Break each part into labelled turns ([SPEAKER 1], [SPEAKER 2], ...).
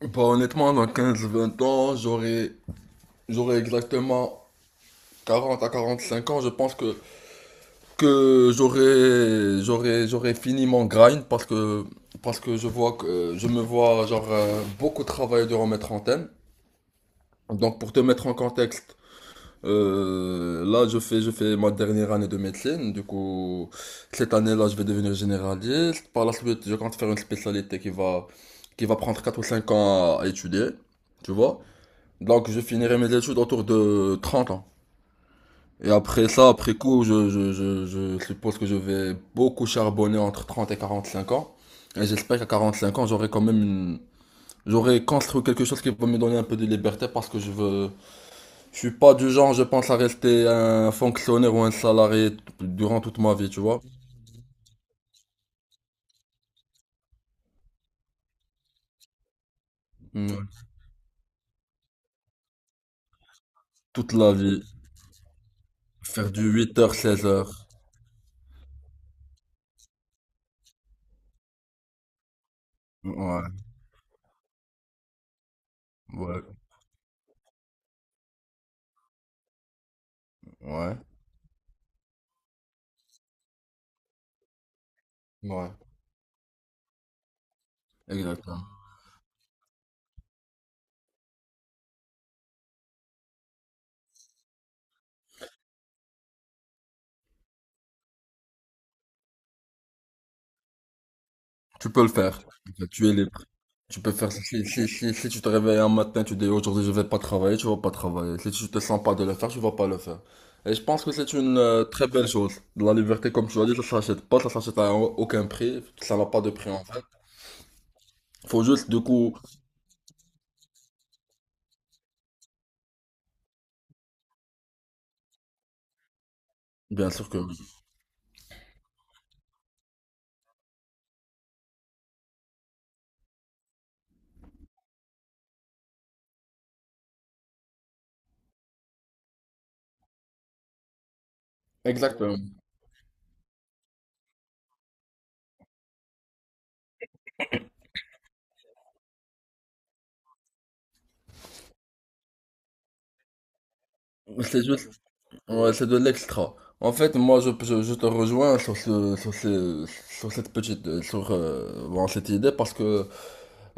[SPEAKER 1] Bah, honnêtement, dans 15-20 ans, j'aurai exactement 40 à 45 ans. Je pense j'aurai fini mon grind parce que je me vois, genre, beaucoup travailler durant mes trentaines. Donc, pour te mettre en contexte, là, je fais ma dernière année de médecine. Du coup, cette année-là, je vais devenir généraliste. Par la suite, je compte faire une spécialité qui va prendre 4 ou 5 ans à étudier. Tu vois? Donc je finirai mes études autour de 30 ans. Et après ça, après coup, je suppose que je vais beaucoup charbonner entre 30 et 45 ans. Et j'espère qu'à 45 ans, j'aurai quand même une. J'aurai construit quelque chose qui va me donner un peu de liberté parce que je veux. Je suis pas du genre, je pense, à rester un fonctionnaire ou un salarié durant toute ma vie, tu vois. Mm. Toute la vie. Faire du 8 heures 16 heures. Ouais, ouais, ouais, ouais. Exactement. Tu peux le faire. Tu es libre. Tu peux faire, si tu te réveilles un matin, tu dis aujourd'hui je vais pas travailler, tu vas pas travailler. Si tu te sens pas de le faire, tu vas pas le faire. Et je pense que c'est une très belle chose. La liberté, comme tu l'as dit, ça s'achète pas, ça s'achète à aucun prix, ça n'a pas de prix en fait. Faut juste, du coup. Bien sûr que oui. Exactement. C'est juste, ouais, c'est de l'extra. En fait, moi, je te rejoins sur cette petite, bon, cette idée parce que.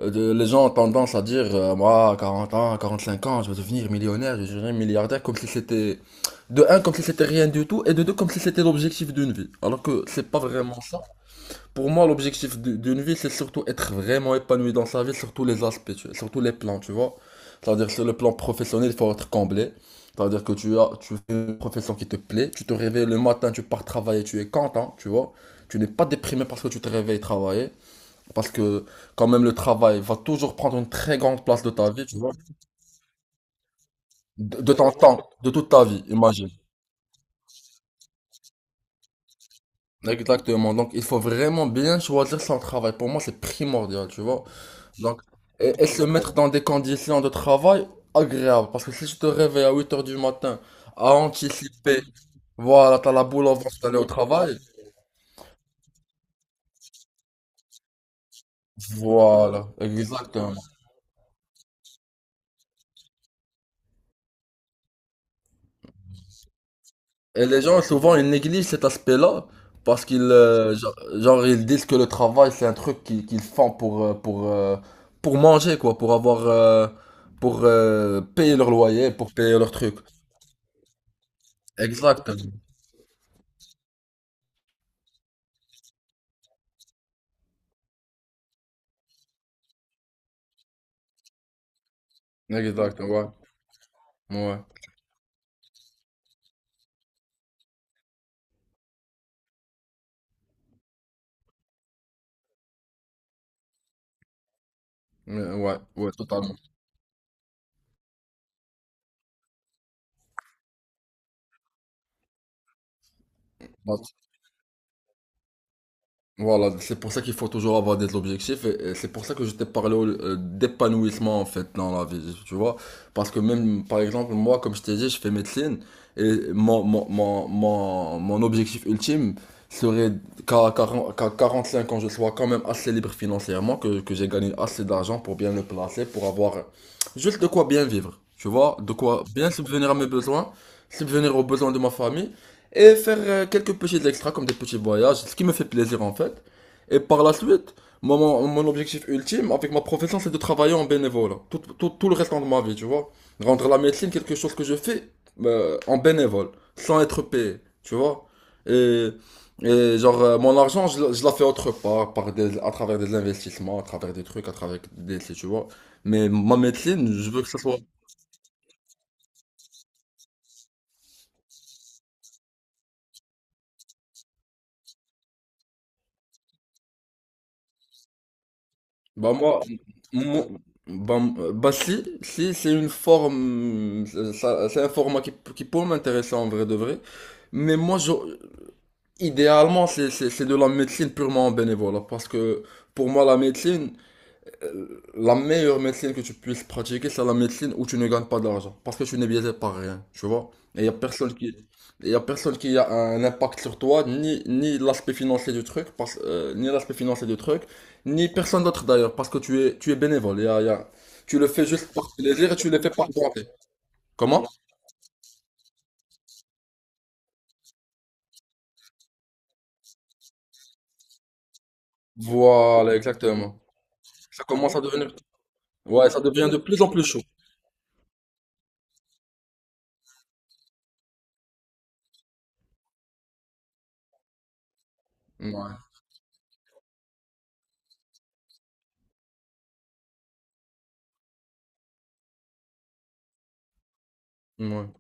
[SPEAKER 1] Les gens ont tendance à dire, moi, à 40 ans, 45 ans, je vais devenir millionnaire, je deviendrai milliardaire, comme si c'était, de un, comme si c'était rien du tout, et de deux, comme si c'était l'objectif d'une vie. Alors que c'est pas vraiment ça. Pour moi, d'une vie, c'est surtout être vraiment épanoui dans sa vie, sur tous les aspects, sur tous les plans, tu vois. C'est-à-dire, sur le plan professionnel, il faut être comblé. C'est-à-dire que tu fais une profession qui te plaît, tu te réveilles le matin, tu pars travailler, tu es content, tu vois. Tu n'es pas déprimé parce que tu te réveilles travailler. Parce que quand même le travail va toujours prendre une très grande place de ta vie, tu vois. De ton temps, de toute ta vie, imagine. Exactement. Donc il faut vraiment bien choisir son travail. Pour moi, c'est primordial, tu vois. Donc, se mettre dans des conditions de travail agréables. Parce que si je te réveille à 8 heures du matin, à anticiper, voilà, t'as la boule au ventre d'aller au travail. Voilà, exactement. Et les gens, souvent, ils négligent cet aspect-là parce qu'ils genre, ils disent que le travail, c'est un truc qu'ils font pour, pour manger, quoi, pour avoir, pour payer leur loyer, pour payer leur truc. Exactement. Exactement, ouais. Ouais. Mais ouais, ouais, totalement. Voilà, c'est pour ça qu'il faut toujours avoir des objectifs et c'est pour ça que je t'ai parlé d'épanouissement en fait dans la vie, tu vois. Parce que même, par exemple, moi, comme je t'ai dit, je fais médecine et mon objectif ultime serait qu'à 45 ans, je sois quand même assez libre financièrement, que j'ai gagné assez d'argent pour bien le placer, pour avoir juste de quoi bien vivre, tu vois, de quoi bien subvenir à mes besoins, subvenir aux besoins de ma famille et faire quelques petits extras comme des petits voyages, ce qui me fait plaisir en fait. Et par la suite, moi, mon objectif ultime avec ma profession, c'est de travailler en bénévole. Tout, tout, tout le restant de ma vie, tu vois. Rendre la médecine quelque chose que je fais en bénévole, sans être payé, tu vois. Et, genre, mon argent, je la fais autre part, à travers des investissements, à travers des trucs, à travers des, tu vois. Mais ma médecine, je veux que ça soit. Bah moi, moi- si c'est une forme, c'est un format qui peut m'intéresser en vrai de vrai. Mais moi, idéalement, c'est de la médecine purement en bénévolat. Parce que pour moi, la médecine, la meilleure médecine que tu puisses pratiquer, c'est la médecine où tu ne gagnes pas d'argent. Parce que tu n'es biaisé par rien, tu vois. Et il n'y a personne qui a un impact sur toi, ni l'aspect financier du truc, parce, ni l'aspect financier du truc, ni personne d'autre d'ailleurs, parce que tu es bénévole. Tu le fais juste par plaisir et tu le fais par volonté. Comment? Voilà, exactement. Ça commence à devenir, ouais, ça devient de plus en plus chaud. Ouais, ouais.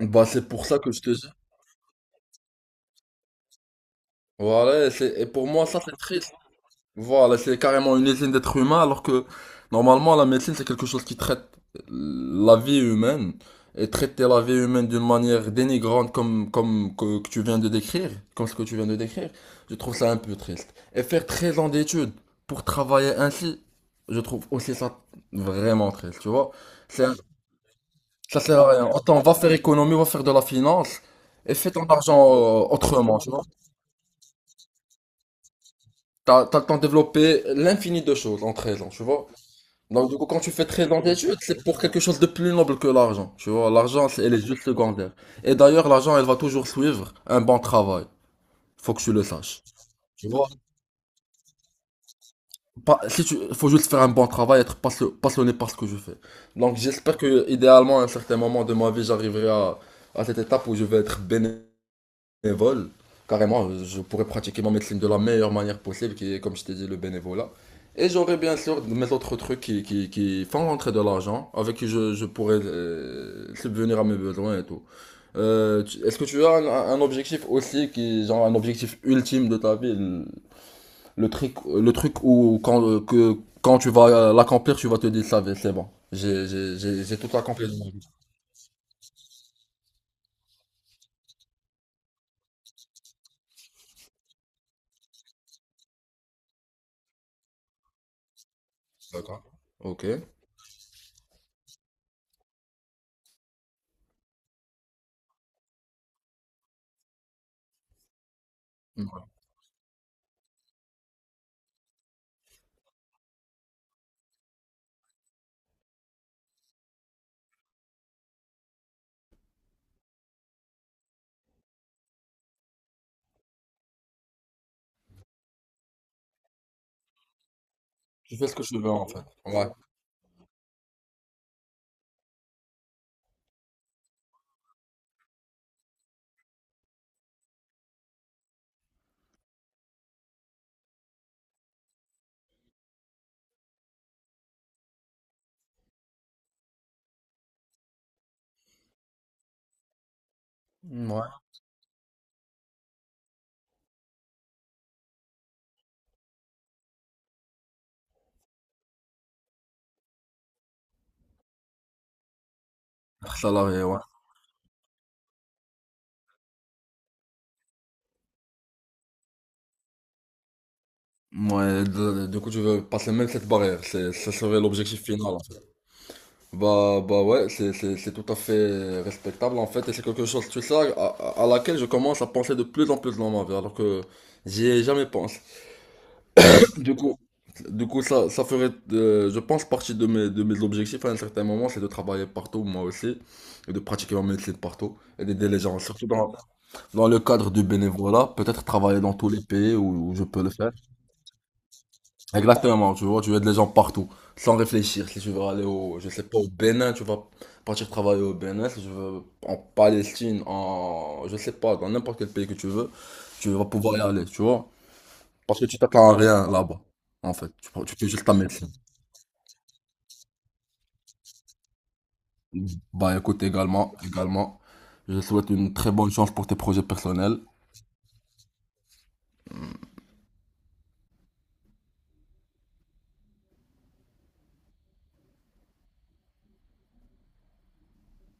[SPEAKER 1] Bah, c'est pour ça que je te dis. Voilà, et pour moi, ça, c'est triste. Voilà, c'est carrément une usine d'êtres humains, alors que normalement la médecine c'est quelque chose qui traite la vie humaine et traiter la vie humaine d'une manière dénigrante comme ce que tu viens de décrire, je trouve ça un peu triste. Et faire 13 ans d'études pour travailler ainsi, je trouve aussi ça vraiment triste, tu vois. C'est un- ça sert à rien. Autant va faire économie, va faire de la finance et fais ton argent autrement, tu vois. T'as le temps de développer l'infini de choses en 13 ans, tu vois. Donc, du coup, quand tu fais très dans tes c'est pour quelque chose de plus noble que l'argent. Tu vois, l'argent, elle est juste secondaire. Et d'ailleurs, l'argent, elle va toujours suivre un bon travail. Faut que tu le saches. Tu vois, pas- si tu, faut juste faire un bon travail, être passionné par ce que je fais. Donc, j'espère que, idéalement, à un certain moment de ma vie, j'arriverai à cette étape où je vais être bénévole, carrément, je pourrais pratiquer ma médecine de la meilleure manière possible, qui est, comme je t'ai dit, le bénévolat. Et j'aurais bien sûr mes autres trucs qui font rentrer de l'argent, avec qui je pourrais subvenir à mes besoins et tout. Est-ce que tu as un objectif aussi, qui, genre un objectif ultime de ta vie, le truc où quand, quand tu vas l'accomplir, tu vas te dire, ça va, c'est bon, j'ai tout accompli de ma vie. D'accord. Ok. Ouais. Je fais ce que je veux en fait. Ouais. Ouais. Salarié, ouais. Ouais, du coup, tu veux passer même cette barrière, ça serait l'objectif final, en fait. Bah, bah ouais, c'est tout à fait respectable en fait, et c'est quelque chose, tu sais, à laquelle je commence à penser de plus en plus dans ma vie, alors que j'y ai jamais pensé. Du coup, du coup ça, ça ferait, je pense, partie de de mes objectifs à un certain moment, c'est de travailler partout, moi aussi, et de pratiquer ma médecine partout, et d'aider les gens, surtout dans le cadre du bénévolat, peut-être travailler dans tous les pays où je peux le faire. Exactement, tu vois, tu as des gens partout, sans réfléchir. Si tu veux aller au, je sais pas, au Bénin, tu vas partir travailler au Bénin. Si tu veux en Palestine, en, je sais pas, dans n'importe quel pays que tu veux, tu vas pouvoir y aller, tu vois. Parce que tu t'attends à rien là-bas, en fait. Tu fais juste ta médecine. Bah écoute, également, également, je souhaite une très bonne chance pour tes projets personnels.